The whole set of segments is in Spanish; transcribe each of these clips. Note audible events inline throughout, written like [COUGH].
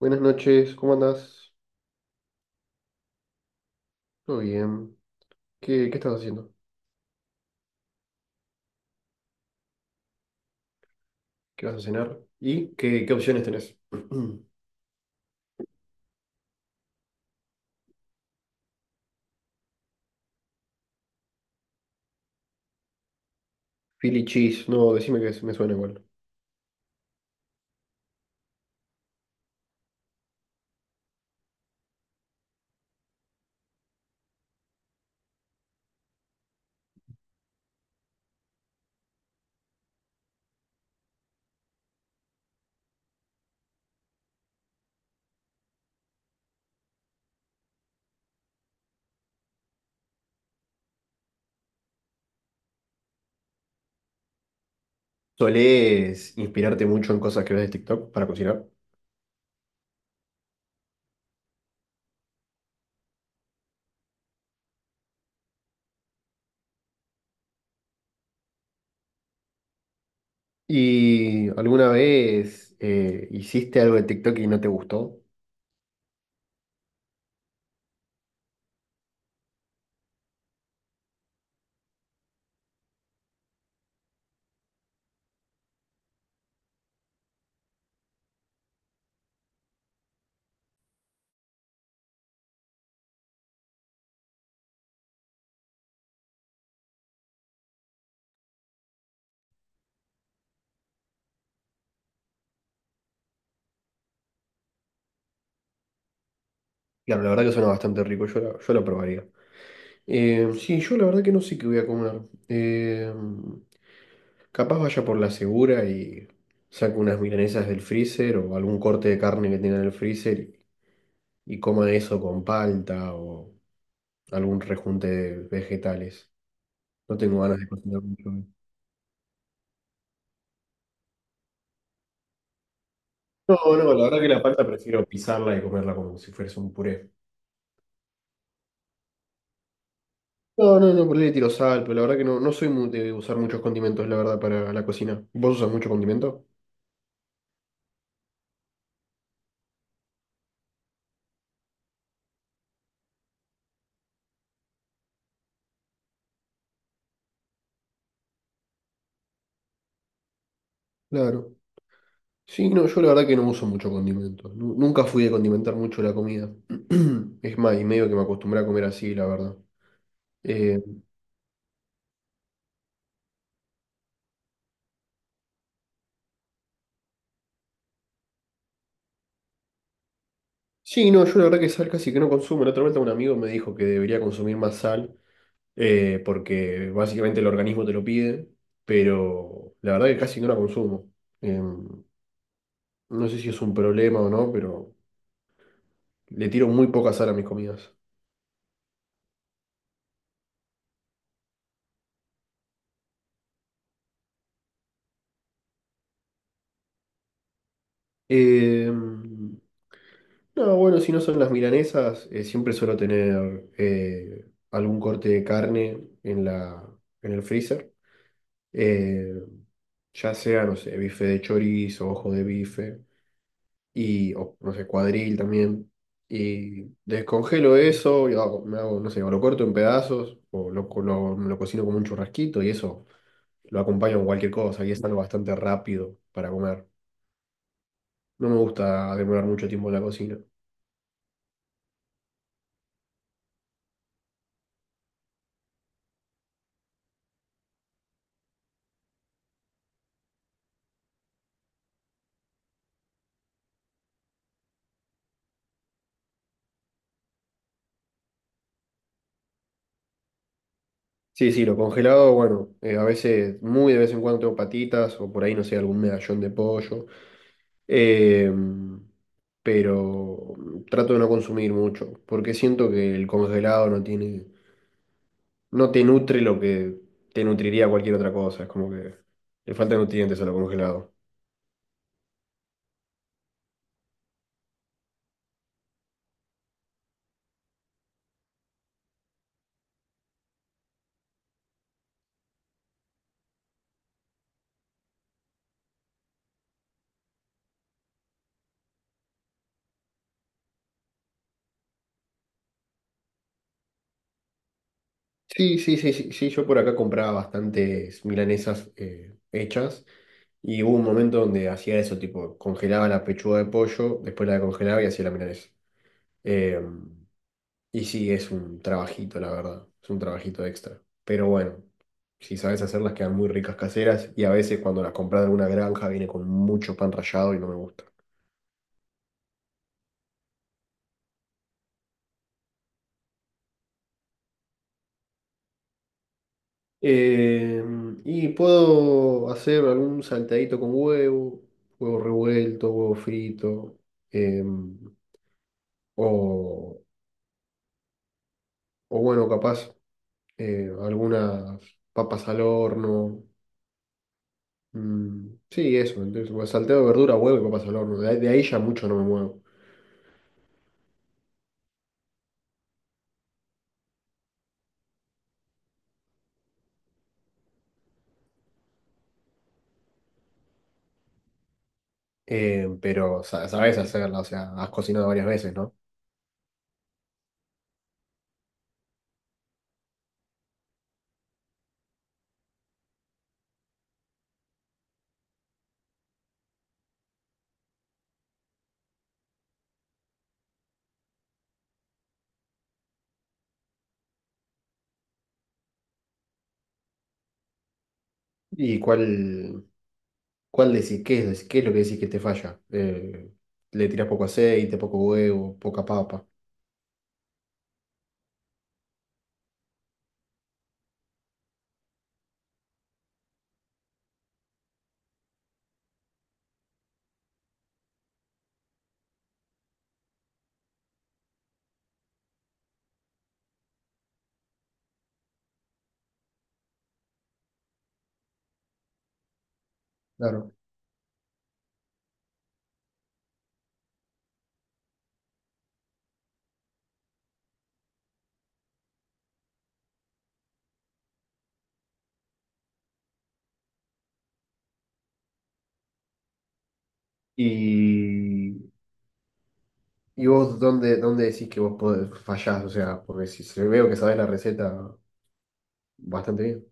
Buenas noches, ¿cómo andás? Todo bien. ¿Qué estás haciendo? ¿Qué vas a cenar? ¿Y qué opciones tenés? [CLEARS THROAT] Philly cheese, no, decime que me suena igual. ¿Solés inspirarte mucho en cosas que ves de TikTok para cocinar? ¿Y alguna vez hiciste algo de TikTok y no te gustó? Claro, la verdad que suena bastante rico, yo, yo lo probaría. Sí, yo la verdad que no sé qué voy a comer. Eh, Capaz vaya por la segura y saco unas milanesas del freezer o algún corte de carne que tenga en el freezer y coma eso con palta o algún rejunte de vegetales. No tengo ganas de cocinar mucho hoy. No, no, la verdad que la palta prefiero pisarla y comerla como si fuese un puré. No, no, no, por ahí le tiro sal, pero la verdad que no, no soy muy de usar muchos condimentos, la verdad, para la cocina. ¿Vos usas mucho condimento? Claro. Sí, no, yo la verdad que no uso mucho condimento. Nunca fui de condimentar mucho la comida. [CLEARS THROAT] Es más, y medio que me acostumbré a comer así, la verdad. Eh, sí, no, yo la verdad que sal casi que no consumo. La otra vez un amigo me dijo que debería consumir más sal, porque básicamente el organismo te lo pide, pero la verdad que casi no la consumo. Eh, no sé si es un problema o no, pero le tiro muy poca sal a mis comidas. Eh, no, bueno, si no son las milanesas, siempre suelo tener algún corte de carne en en el freezer. Eh, ya sea, no sé, bife de chorizo, ojo de bife, y, o, no sé, cuadril también. Y descongelo eso, y me hago, no sé, o lo corto en pedazos, o lo cocino como un churrasquito, y eso lo acompaño con cualquier cosa, y es algo bastante rápido para comer. No me gusta demorar mucho tiempo en la cocina. Sí, sí, lo congelado, bueno, a veces, muy de vez en cuando tengo patitas o por ahí, no sé, algún medallón de pollo. Eh, pero trato de no consumir mucho, porque siento que el congelado no tiene, no te nutre lo que te nutriría cualquier otra cosa. Es como que le faltan nutrientes a lo congelado. Sí, sí, sí, sí, sí, yo por acá compraba bastantes milanesas hechas y hubo un momento donde hacía eso, tipo, congelaba la pechuga de pollo, después la descongelaba y hacía la milanesa. Eh, y sí, es un trabajito, la verdad, es un trabajito extra. Pero bueno, si sabes hacerlas quedan muy ricas caseras y a veces cuando las compras de alguna granja viene con mucho pan rallado y no me gusta. Eh, y puedo hacer algún saltadito con huevo, huevo revuelto, huevo frito, eh, o, o bueno, capaz algunas papas al horno. Mm, sí, eso. Entonces, bueno, salteado de verdura, huevo y papas al horno. De ahí ya mucho no me muevo. Pero sabes hacerla, o sea, has cocinado varias veces, ¿no? ¿Y cuál decís? Qué es lo que decís que te falla? Le tirás poco aceite, poco huevo, poca papa. Claro. Y, y vos, ¿dónde decís que vos podés, fallás? O sea, porque si se veo que sabés la receta bastante bien.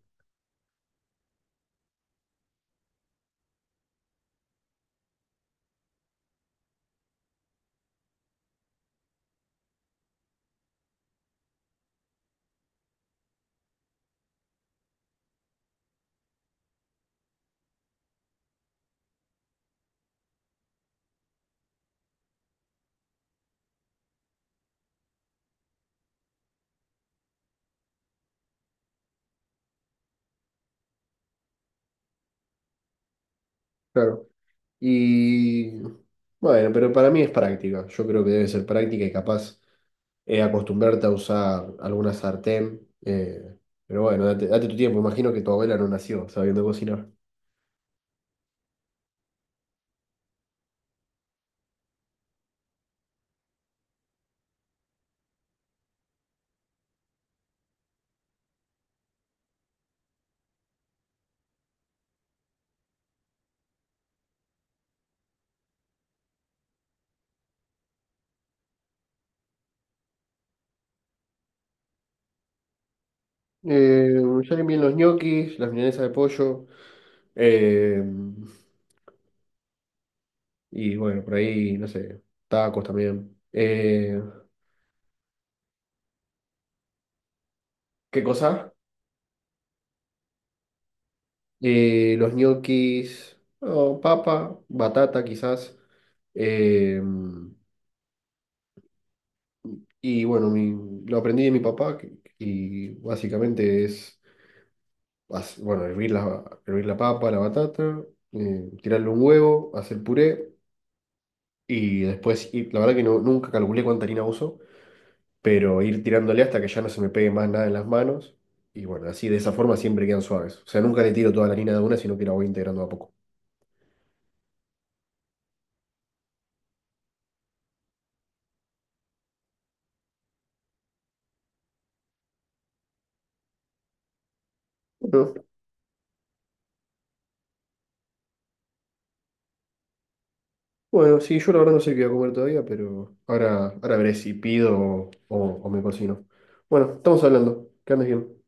Claro. Y bueno, pero para mí es práctica. Yo creo que debe ser práctica y capaz acostumbrarte a usar alguna sartén. Pero bueno, date tu tiempo. Imagino que tu abuela no nació sabiendo cocinar. Eh, ya limpié los ñoquis, las milanesas de pollo. Eh, y bueno, por ahí, no sé, tacos también. ¿Qué cosa? Los ñoquis, oh, papa, batata quizás. Eh, y bueno, lo aprendí de mi papá y básicamente es, bueno, hervir hervir la papa, la batata, tirarle un huevo, hacer puré y después, y la verdad que no, nunca calculé cuánta harina uso, pero ir tirándole hasta que ya no se me pegue más nada en las manos. Y bueno, así de esa forma siempre quedan suaves. O sea, nunca le tiro toda la harina de una, sino que la voy integrando a poco. Bueno, bueno, sí, yo la verdad no sé qué voy a comer todavía, pero ahora, ahora veré si pido o me cocino. Bueno, estamos hablando. Que andes bien.